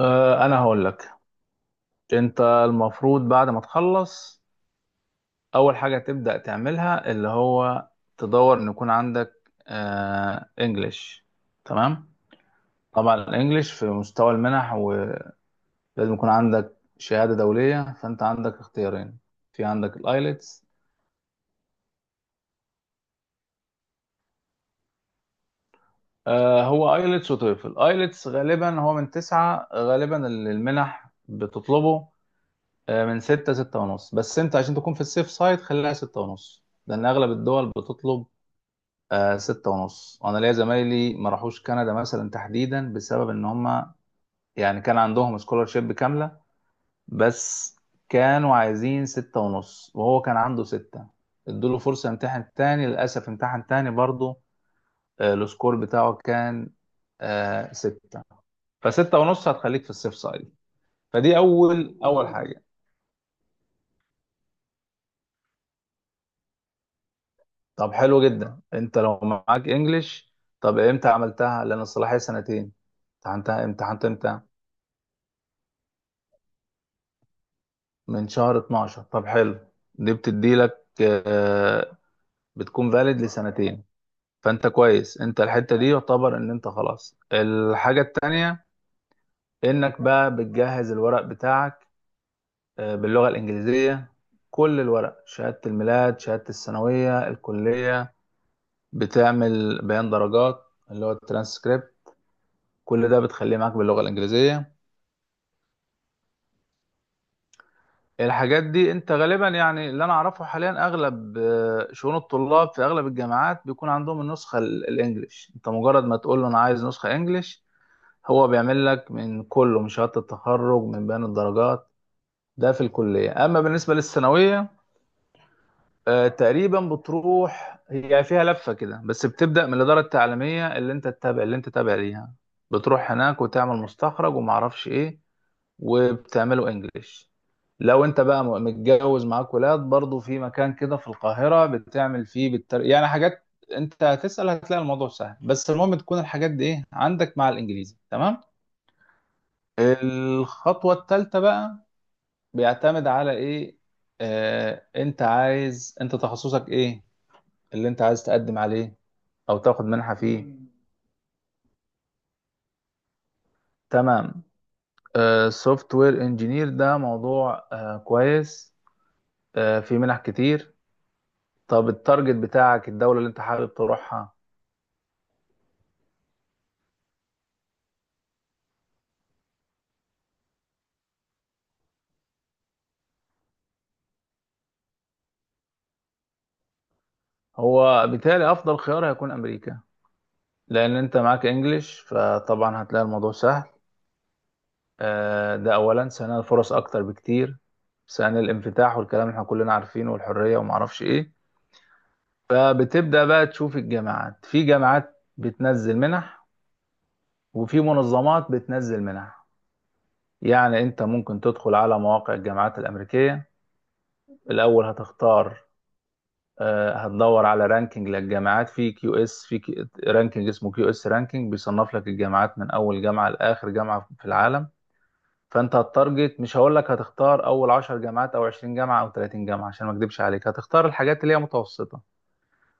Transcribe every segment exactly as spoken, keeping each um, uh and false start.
آه، انا هقول لك، انت المفروض بعد ما تخلص اول حاجه تبدا تعملها اللي هو تدور ان يكون عندك آه انجليش. تمام. طبعا الانجليش في مستوى المنح، ولازم يكون عندك شهاده دوليه. فانت عندك اختيارين، في عندك الايلتس. آه هو ايلتس وتويفل. ايلتس غالبا هو من تسعة غالبا اللي المنح بتطلبه، آه، من ستة، ستة ونص. بس انت عشان تكون في السيف سايد، خليها ستة ونص، لان اغلب الدول بتطلب آه ستة ونص. انا ليا زمايلي ما راحوش كندا مثلا تحديدا بسبب ان هم يعني كان عندهم سكولارشيب كاملة، بس كانوا عايزين ستة ونص، وهو كان عنده ستة. ادوله فرصة يمتحن تاني، للأسف امتحن تاني برضه، آه السكور بتاعه كان آه ستة. فستة ونص هتخليك في السيف سايد. فدي أول أول حاجة. طب حلو جدا، أنت لو معاك إنجليش، طب إمتى عملتها؟ لأن الصلاحية سنتين. امتحنتها، امتحنت إمتى؟ من شهر اتناشر؟ طب حلو، دي بتديلك آه، بتكون فاليد لسنتين. فانت كويس، انت الحتة دي يعتبر ان انت خلاص. الحاجة التانية انك بقى بتجهز الورق بتاعك آه، باللغة الانجليزية. كل الورق، شهادة الميلاد، شهادة الثانوية، الكلية، بتعمل بيان درجات اللي هو الترانسكريبت. كل ده بتخليه معاك باللغة الانجليزية. الحاجات دي انت غالبا، يعني اللي انا اعرفه حاليا، اغلب آه، شؤون الطلاب في اغلب الجامعات بيكون عندهم النسخه ال- الانجليش. انت مجرد ما تقول له انا عايز نسخه انجليش، هو بيعمل لك من كله، من شهاده التخرج، من بيان الدرجات. ده في الكليه، اما بالنسبه للثانويه، آه، تقريبا بتروح، هي فيها لفه كده، بس بتبدا من الاداره التعليميه اللي انت تتابع، اللي انت تابع ليها. بتروح هناك وتعمل مستخرج وما اعرفش ايه، وبتعمله انجليش. لو انت بقى م- متجوز معاك ولاد، برضو في مكان كده في القاهرة بتعمل فيه بالتر... يعني حاجات. انت هتسأل، هتلاقي الموضوع سهل، بس المهم تكون الحاجات دي ايه، عندك مع الانجليزي تمام. الخطوة الثالثة بقى بيعتمد على ايه؟ آه انت عايز، انت تخصصك ايه اللي انت عايز تقدم عليه او تاخد منحة فيه؟ تمام. سوفت وير انجينير، ده موضوع آه كويس، آه في منح كتير. طب التارجت بتاعك، الدولة اللي انت حابب تروحها؟ هو بالتالي افضل خيار هيكون امريكا، لان انت معاك انجليش، فطبعا هتلاقي الموضوع سهل. آه، ده اولا. ثانيا، الفرص اكتر بكتير. ثانيا، الانفتاح والكلام اللي احنا كلنا عارفينه والحرية ومعرفش ايه. فبتبدأ بقى تشوف الجامعات، في جامعات بتنزل منح وفي منظمات بتنزل منح. يعني انت ممكن تدخل على مواقع الجامعات الامريكية. الاول هتختار، آه، هتدور على رانكينج للجامعات، في كيو اس، في كي- رانكينج اسمه كيو اس رانكينج، بيصنف لك الجامعات من اول جامعه لاخر جامعه في العالم. فانت هتارجت، مش هقول لك هتختار اول عشر جامعات او عشرين جامعه او تلاتين جامعه عشان ما اكدبش عليك، هتختار الحاجات اللي هي متوسطه،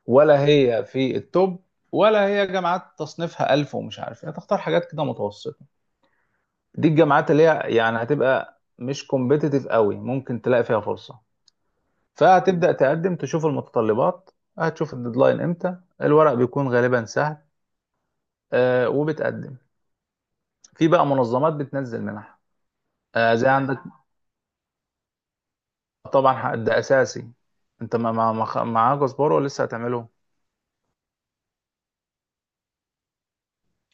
ولا هي في التوب، ولا هي جامعات تصنيفها ألف ومش عارف ايه. هتختار حاجات كده متوسطه. دي الجامعات اللي هي يعني هتبقى مش كومبيتيتيف قوي، ممكن تلاقي فيها فرصه. فهتبدأ تقدم، تشوف المتطلبات، هتشوف الديدلاين امتى. الورق بيكون غالبا سهل، آه وبتقدم. في بقى منظمات بتنزل منح. آه زي عندك طبعا حق- ده اساسي. انت ما ما- ما خ- معاك اصباره ولسه هتعمله؟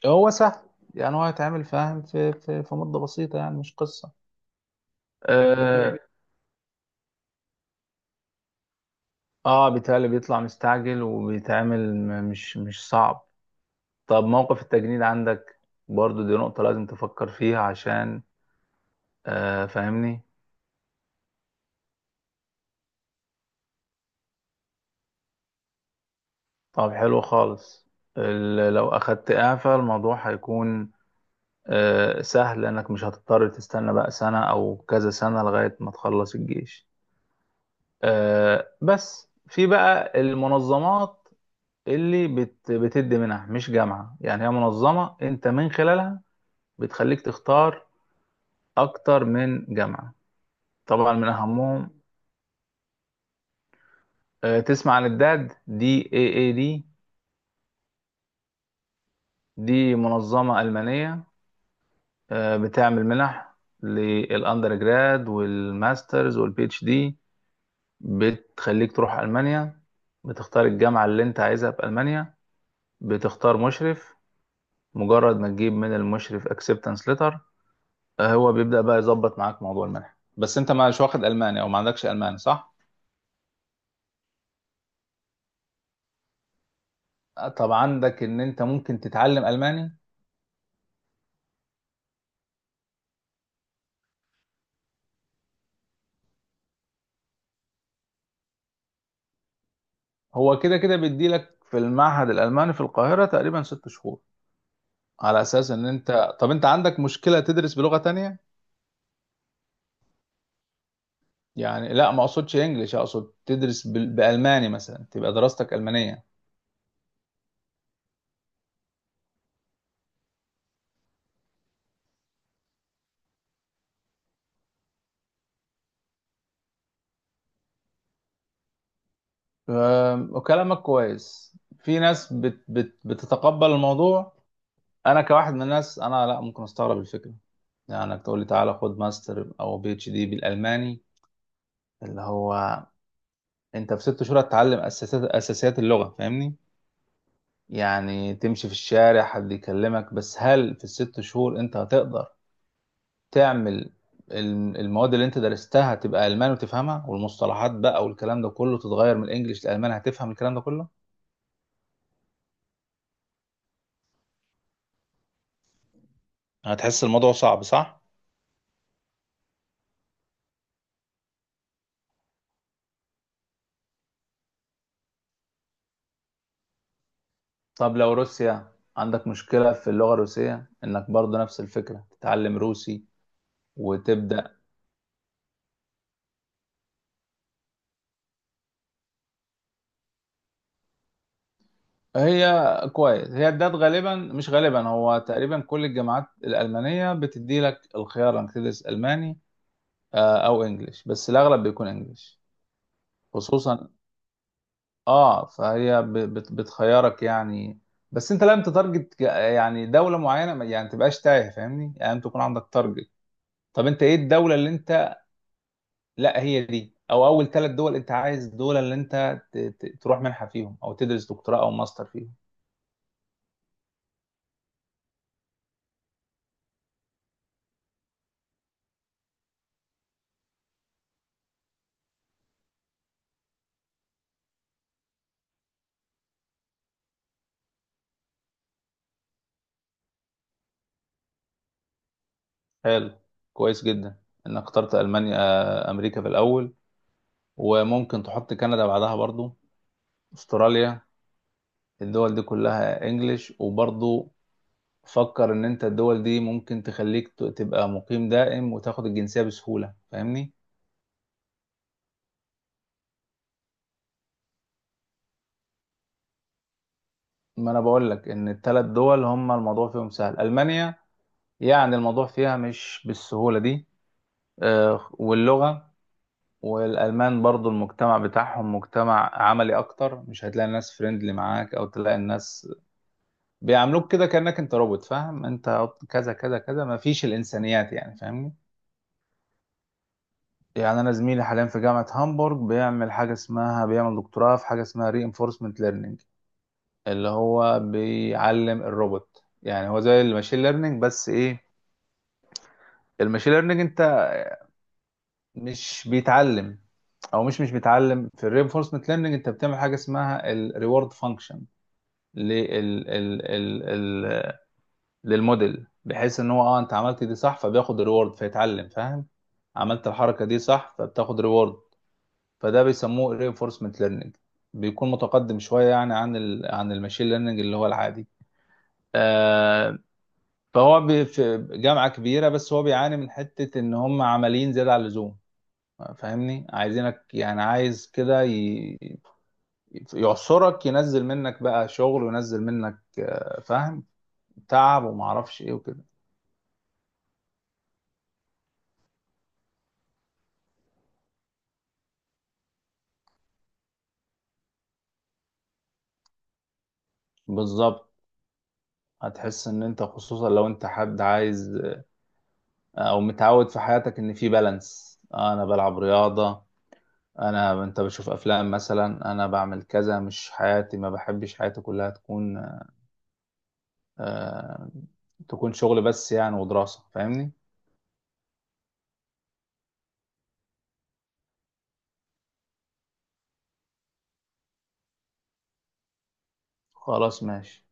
هو سهل، يعني هو هيتعمل، فاهم، في في في مدة بسيطة، يعني مش قصة. اه, آه بيتهيألي بيطلع مستعجل وبيتعمل، م- مش مش صعب. طب موقف التجنيد عندك، برضو دي نقطة لازم تفكر فيها عشان آه فاهمني. طب حلو خالص. ال- لو اخدت اعفاء، الموضوع هيكون آه، سهل، لانك مش هتضطر تستنى بقى سنة او كذا سنة لغاية ما تخلص الجيش. آه، بس في بقى المنظمات اللي بت- بتدي منح، مش جامعة، يعني هي منظمة انت من خلالها بتخليك تختار اكتر من جامعة. طبعا من اهمهم، آه، تسمع عن الداد، دي اي اي دي. دي منظمة ألمانية، آه، بتعمل منح للأندر جراد والماسترز والبي اتش دي. بتخليك تروح ألمانيا، بتختار الجامعة اللي انت عايزها في ألمانيا، بتختار مشرف، مجرد ما تجيب من المشرف اكسبتنس ليتر، هو بيبدأ بقى يظبط معاك موضوع المنح. بس انت مش واخد ألماني، او ما عندكش ألماني، صح؟ آه، طب عندك ان انت ممكن تتعلم ألماني. هو كده كده بيديلك في المعهد الألماني في القاهرة تقريبا ست شهور، على أساس ان انت، طب انت عندك مشكلة تدرس بلغة تانية؟ يعني لا، ما اقصدش انجليش، اقصد تدرس بال- بالماني مثلا، تبقى دراستك المانيه. أم، وكلامك كويس، في ناس بت بت بتتقبل الموضوع. انا كواحد من الناس انا لا، ممكن استغرب الفكره، يعني انك تقول لي تعالى خد ماستر او بي اتش دي بالالماني. اللي هو انت في ست شهور هتتعلم اساسيات اساسيات اللغه، فاهمني، يعني تمشي في الشارع حد يكلمك. بس هل في الست شهور انت هتقدر تعمل ال- المواد اللي انت درستها تبقى ألمان وتفهمها، والمصطلحات بقى والكلام ده كله تتغير من الإنجليش للألمان، هتفهم الكلام ده كله؟ هتحس الموضوع صعب، صح؟ طب لو روسيا، عندك مشكلة في اللغة الروسية، إنك برضه نفس الفكرة تتعلم روسي وتبدأ؟ هي كويس، هي ده غالبا، مش غالبا، هو تقريبا كل الجامعات الألمانية بتدي لك الخيار إنك تدرس ألماني آه، أو إنجليش، بس الأغلب بيكون إنجليش، خصوصا اه. فهي ب- بت- بتخيرك يعني. بس انت لازم تتارجت ك- يعني دوله معينه، ما- يعني ما تبقاش تايه، فاهمني، يعني انت تكون عندك تارجت. طب انت ايه الدوله اللي انت، لا هي دي، او اول ثلاث دول انت عايز، الدول اللي انت ت- ت- تروح منحه فيهم او تدرس دكتوراه او ماستر فيهم؟ حلو، كويس جدا انك اخترت المانيا، آه، امريكا في الاول، وممكن تحط كندا بعدها برضو، استراليا. الدول دي كلها انجليش، وبرضو فكر ان انت الدول دي ممكن تخليك ت- تبقى مقيم دائم وتاخد الجنسية بسهولة، فاهمني؟ ما انا بقول لك ان الثلاث دول هم الموضوع فيهم سهل. المانيا يعني الموضوع فيها مش بالسهولة دي، آه، واللغة. والالمان برضو المجتمع بتاعهم مجتمع عملي اكتر، مش هتلاقي الناس فريندلي معاك، او تلاقي الناس بيعاملوك كده كأنك انت روبوت، فاهم؟ انت كذا كذا كذا، ما فيش الانسانيات يعني، فاهمني؟ يعني انا زميلي حاليا في جامعه هامبورغ بيعمل حاجه اسمها، بيعمل دكتوراه في حاجه اسمها ري انفورسمنت ليرنينج، اللي هو بيعلم الروبوت. يعني هو زي الماشين ليرنينج بس ايه، الماشين ليرنينج انت مش بيتعلم، او مش مش بيتعلم. في الري انفورسمنت ليرنينج، انت بتعمل حاجه اسمها الريورد فانكشن لل ال ال ال للموديل، بحيث ان هو، اه، انت عملت دي صح فبياخد ريورد، فيتعلم، فاهم؟ عملت الحركه دي صح فبتاخد ريورد. فده بيسموه reinforcement learning، بيكون متقدم شوية يعني عن ال عن الماشين ليرنينج اللي هو العادي. آه فهو بي- في جامعة كبيرة، بس هو بيعاني من حتة إن هم عمليين زيادة عن اللزوم، فاهمني؟ عايزينك يعني، عايز كده ي- يعصرك، ينزل منك بقى شغل، وينزل منك آه، فاهم، تعب ومعرفش ايه وكده. بالظبط، هتحس ان انت، خصوصا لو انت حد عايز آه، او متعود في حياتك ان في بالانس، انا بلعب رياضة، انا انت بشوف افلام مثلا، انا بعمل كذا، مش حياتي، ما بحبش حياتي كلها تكون آه تكون شغل بس يعني، ودراسة، فاهمني؟ خلاص ماشي.